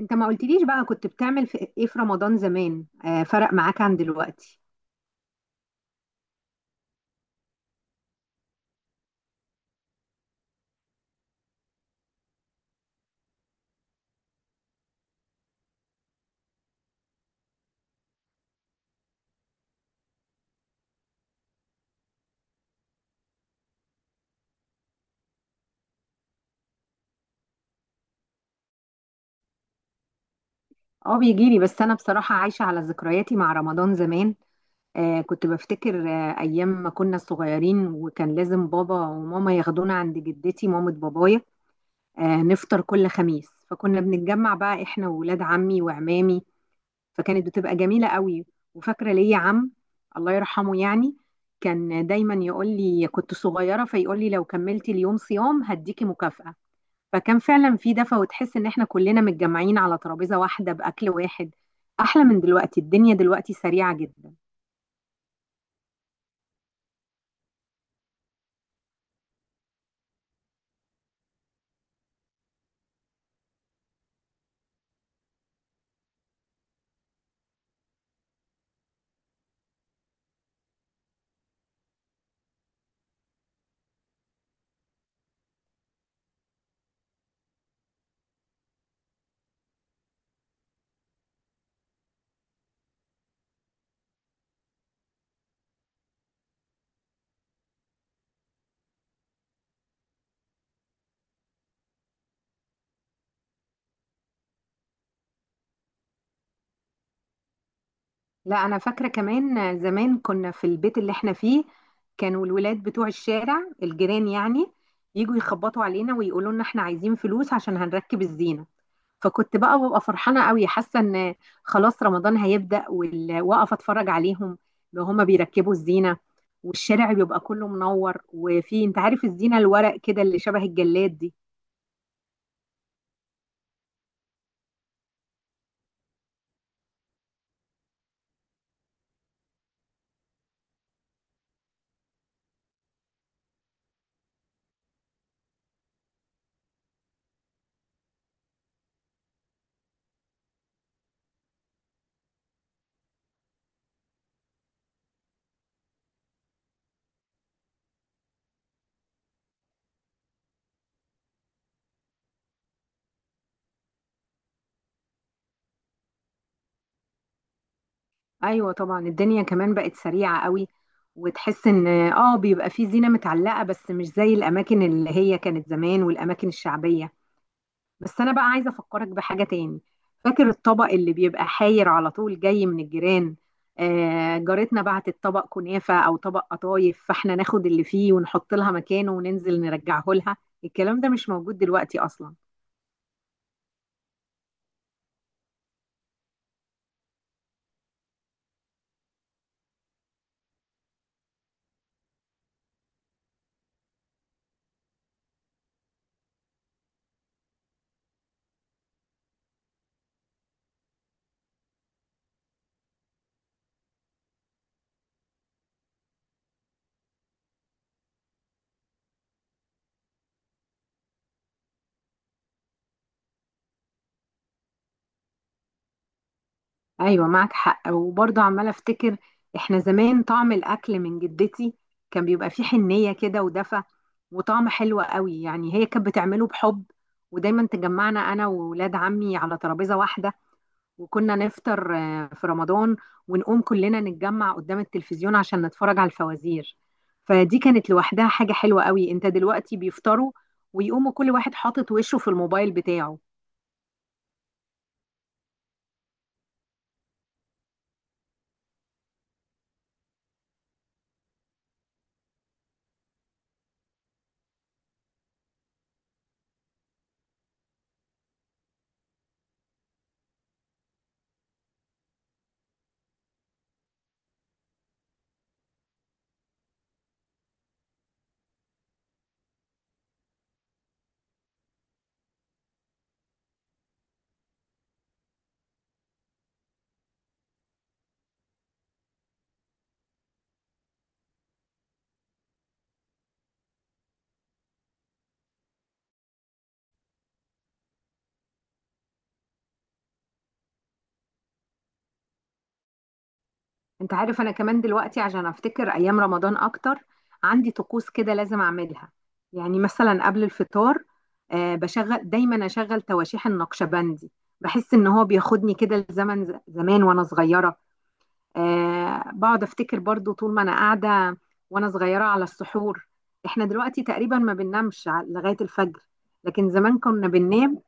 انت ما قلتليش بقى كنت بتعمل في ايه في رمضان زمان، فرق معاك عن دلوقتي؟ اه، بيجيلي بس انا بصراحة عايشة على ذكرياتي مع رمضان زمان. كنت بفتكر ايام ما كنا صغيرين، وكان لازم بابا وماما ياخدونا عند جدتي مامة بابايا نفطر كل خميس. فكنا بنتجمع بقى احنا وولاد عمي وعمامي، فكانت بتبقى جميلة قوي. وفاكرة ليا عم، الله يرحمه، يعني كان دايما يقول لي كنت صغيرة، فيقول لي لو كملتي اليوم صيام هديكي مكافأة. فكان فعلا في دفى، وتحس ان احنا كلنا متجمعين على ترابيزه واحده باكل واحد. احلى من دلوقتي. الدنيا دلوقتي سريعه جدا. لا، انا فاكره كمان زمان كنا في البيت اللي احنا فيه. كانوا الولاد بتوع الشارع، الجيران يعني، يجوا يخبطوا علينا ويقولوا لنا احنا عايزين فلوس عشان هنركب الزينه. فكنت بقى ببقى فرحانه قوي، حاسه ان خلاص رمضان هيبدا، واقف اتفرج عليهم وهما بيركبوا الزينه، والشارع بيبقى كله منور، وفي انت عارف الزينه الورق كده اللي شبه الجلاد دي. ايوه طبعا، الدنيا كمان بقت سريعه قوي. وتحس ان بيبقى في زينه متعلقه، بس مش زي الاماكن اللي هي كانت زمان والاماكن الشعبيه. بس انا بقى عايزه افكرك بحاجه تاني. فاكر الطبق اللي بيبقى حاير على طول جاي من الجيران؟ جارتنا بعتت طبق كنافه او طبق قطايف، فاحنا ناخد اللي فيه ونحط لها مكانه وننزل نرجعه لها. الكلام ده مش موجود دلوقتي اصلا. ايوه معك حق، وبرضه عماله افتكر احنا زمان طعم الاكل من جدتي كان بيبقى فيه حنيه كده ودفى، وطعم حلو قوي، يعني هي كانت بتعمله بحب. ودايما تجمعنا انا وولاد عمي على ترابيزه واحده، وكنا نفطر في رمضان، ونقوم كلنا نتجمع قدام التلفزيون عشان نتفرج على الفوازير. فدي كانت لوحدها حاجة حلوة قوي. انت دلوقتي بيفطروا ويقوموا كل واحد حاطط وشه في الموبايل بتاعه. انت عارف انا كمان دلوقتي عشان افتكر ايام رمضان اكتر عندي طقوس كده لازم اعملها. يعني مثلا قبل الفطار بشغل دايما، اشغل تواشيح النقشبندي، بحس ان هو بياخدني كده لزمن زمان وانا صغيرة. بقعد افتكر برضو طول ما انا قاعده وانا صغيره على السحور. احنا دلوقتي تقريبا ما بننامش لغايه الفجر، لكن زمان كنا بننام.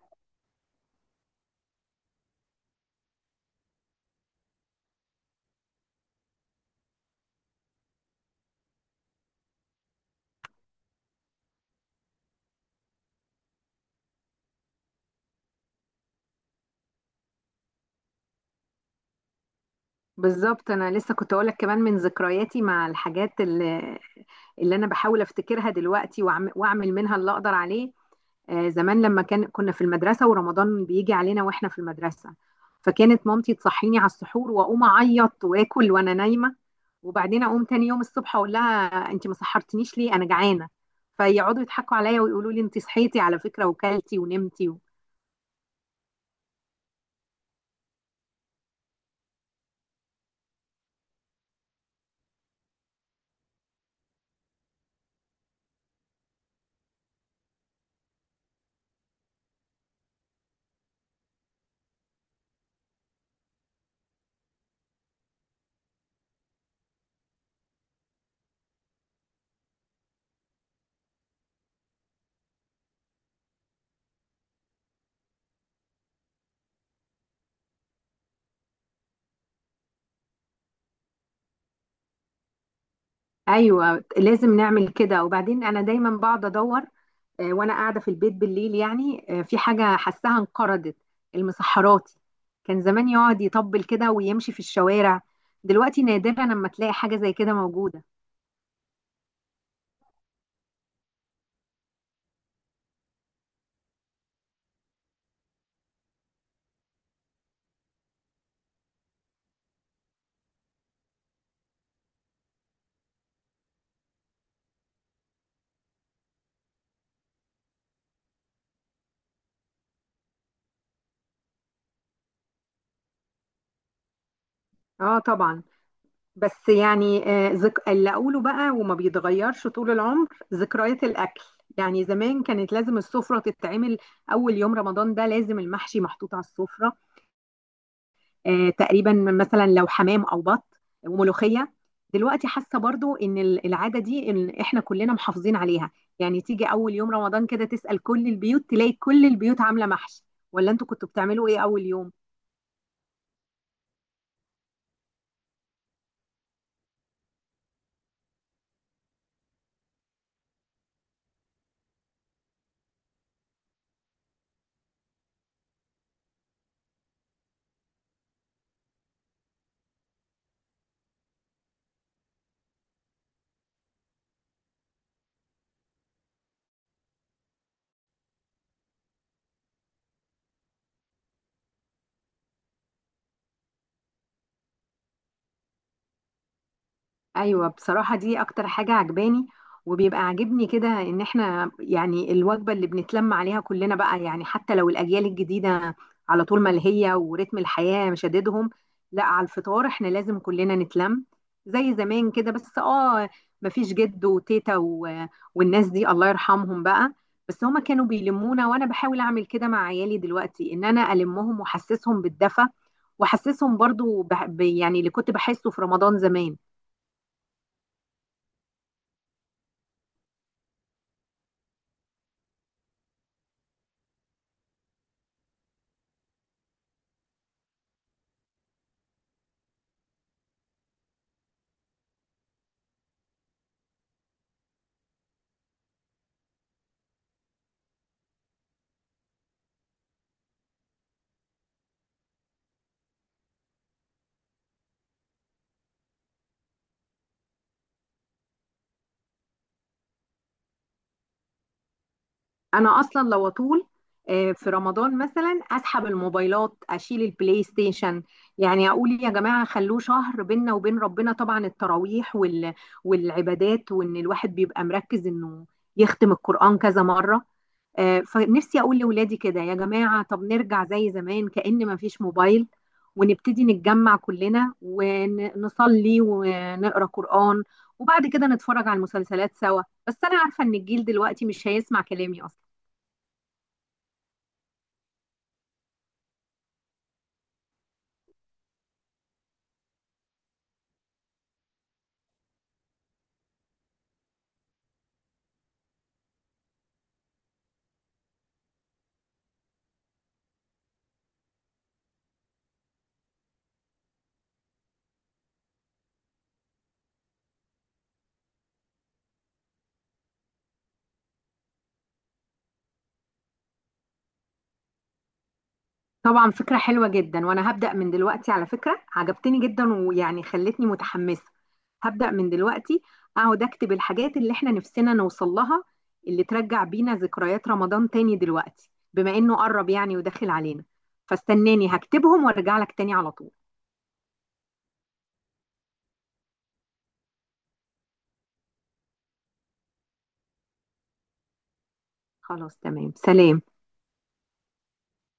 بالظبط، انا لسه كنت اقولك كمان من ذكرياتي مع الحاجات اللي انا بحاول افتكرها دلوقتي واعمل منها اللي اقدر عليه. زمان لما كنا في المدرسة ورمضان بيجي علينا واحنا في المدرسة، فكانت مامتي تصحيني على السحور واقوم اعيط واكل وانا نايمة. وبعدين اقوم تاني يوم الصبح اقول لها انت ما سحرتنيش ليه، انا جعانة. فيقعدوا يضحكوا عليا ويقولوا لي انت صحيتي على فكرة وكلتي ونمتي و... ايوه لازم نعمل كده. وبعدين انا دايما بقعد ادور وانا قاعده في البيت بالليل، يعني في حاجه حاساها انقرضت: المسحراتي. كان زمان يقعد يطبل كده ويمشي في الشوارع، دلوقتي نادرا لما تلاقي حاجه زي كده موجوده. اه طبعا. بس يعني اللي اقوله بقى وما بيتغيرش طول العمر: ذكريات الاكل. يعني زمان كانت لازم السفره تتعمل اول يوم رمضان ده، لازم المحشي محطوط على السفره، تقريبا مثلا لو حمام او بط وملوخيه. دلوقتي حاسه برضو ان العاده دي إن احنا كلنا محافظين عليها. يعني تيجي اول يوم رمضان كده تسال كل البيوت، تلاقي كل البيوت عامله محشي. ولا انتوا كنتوا بتعملوا ايه اول يوم؟ ايوه بصراحه، دي اكتر حاجه عجباني. وبيبقى عاجبني كده ان احنا، يعني الوجبه اللي بنتلم عليها كلنا بقى، يعني حتى لو الاجيال الجديده على طول ملهيه ورتم الحياه مشددهم، لا، على الفطار احنا لازم كلنا نتلم، زي زمان كده. بس مفيش جد وتيتا و... والناس دي الله يرحمهم بقى. بس هما كانوا بيلمونا، وانا بحاول اعمل كده مع عيالي دلوقتي ان انا المهم واحسسهم بالدفى، واحسسهم برضو يعني اللي كنت بحسه في رمضان زمان. انا اصلا لو اطول في رمضان مثلا، اسحب الموبايلات، اشيل البلاي ستيشن. يعني اقول يا جماعه، خلوه شهر بيننا وبين ربنا، طبعا التراويح وال... والعبادات، وان الواحد بيبقى مركز انه يختم القران كذا مره. فنفسي اقول لاولادي كده يا جماعه طب نرجع زي زمان كأن ما فيش موبايل، ونبتدي نتجمع كلنا ونصلي ونقرا قران، وبعد كده نتفرج على المسلسلات سوا. بس انا عارفه ان الجيل دلوقتي مش هيسمع كلامي اصلا. طبعا فكرة حلوة جدا، وانا هبدأ من دلوقتي. على فكرة عجبتني جدا، ويعني خلتني متحمسة. هبدأ من دلوقتي اقعد اكتب الحاجات اللي احنا نفسنا نوصل لها، اللي ترجع بينا ذكريات رمضان تاني دلوقتي بما انه قرب يعني وداخل علينا. فاستناني هكتبهم وارجع لك تاني على طول. خلاص تمام، سلام.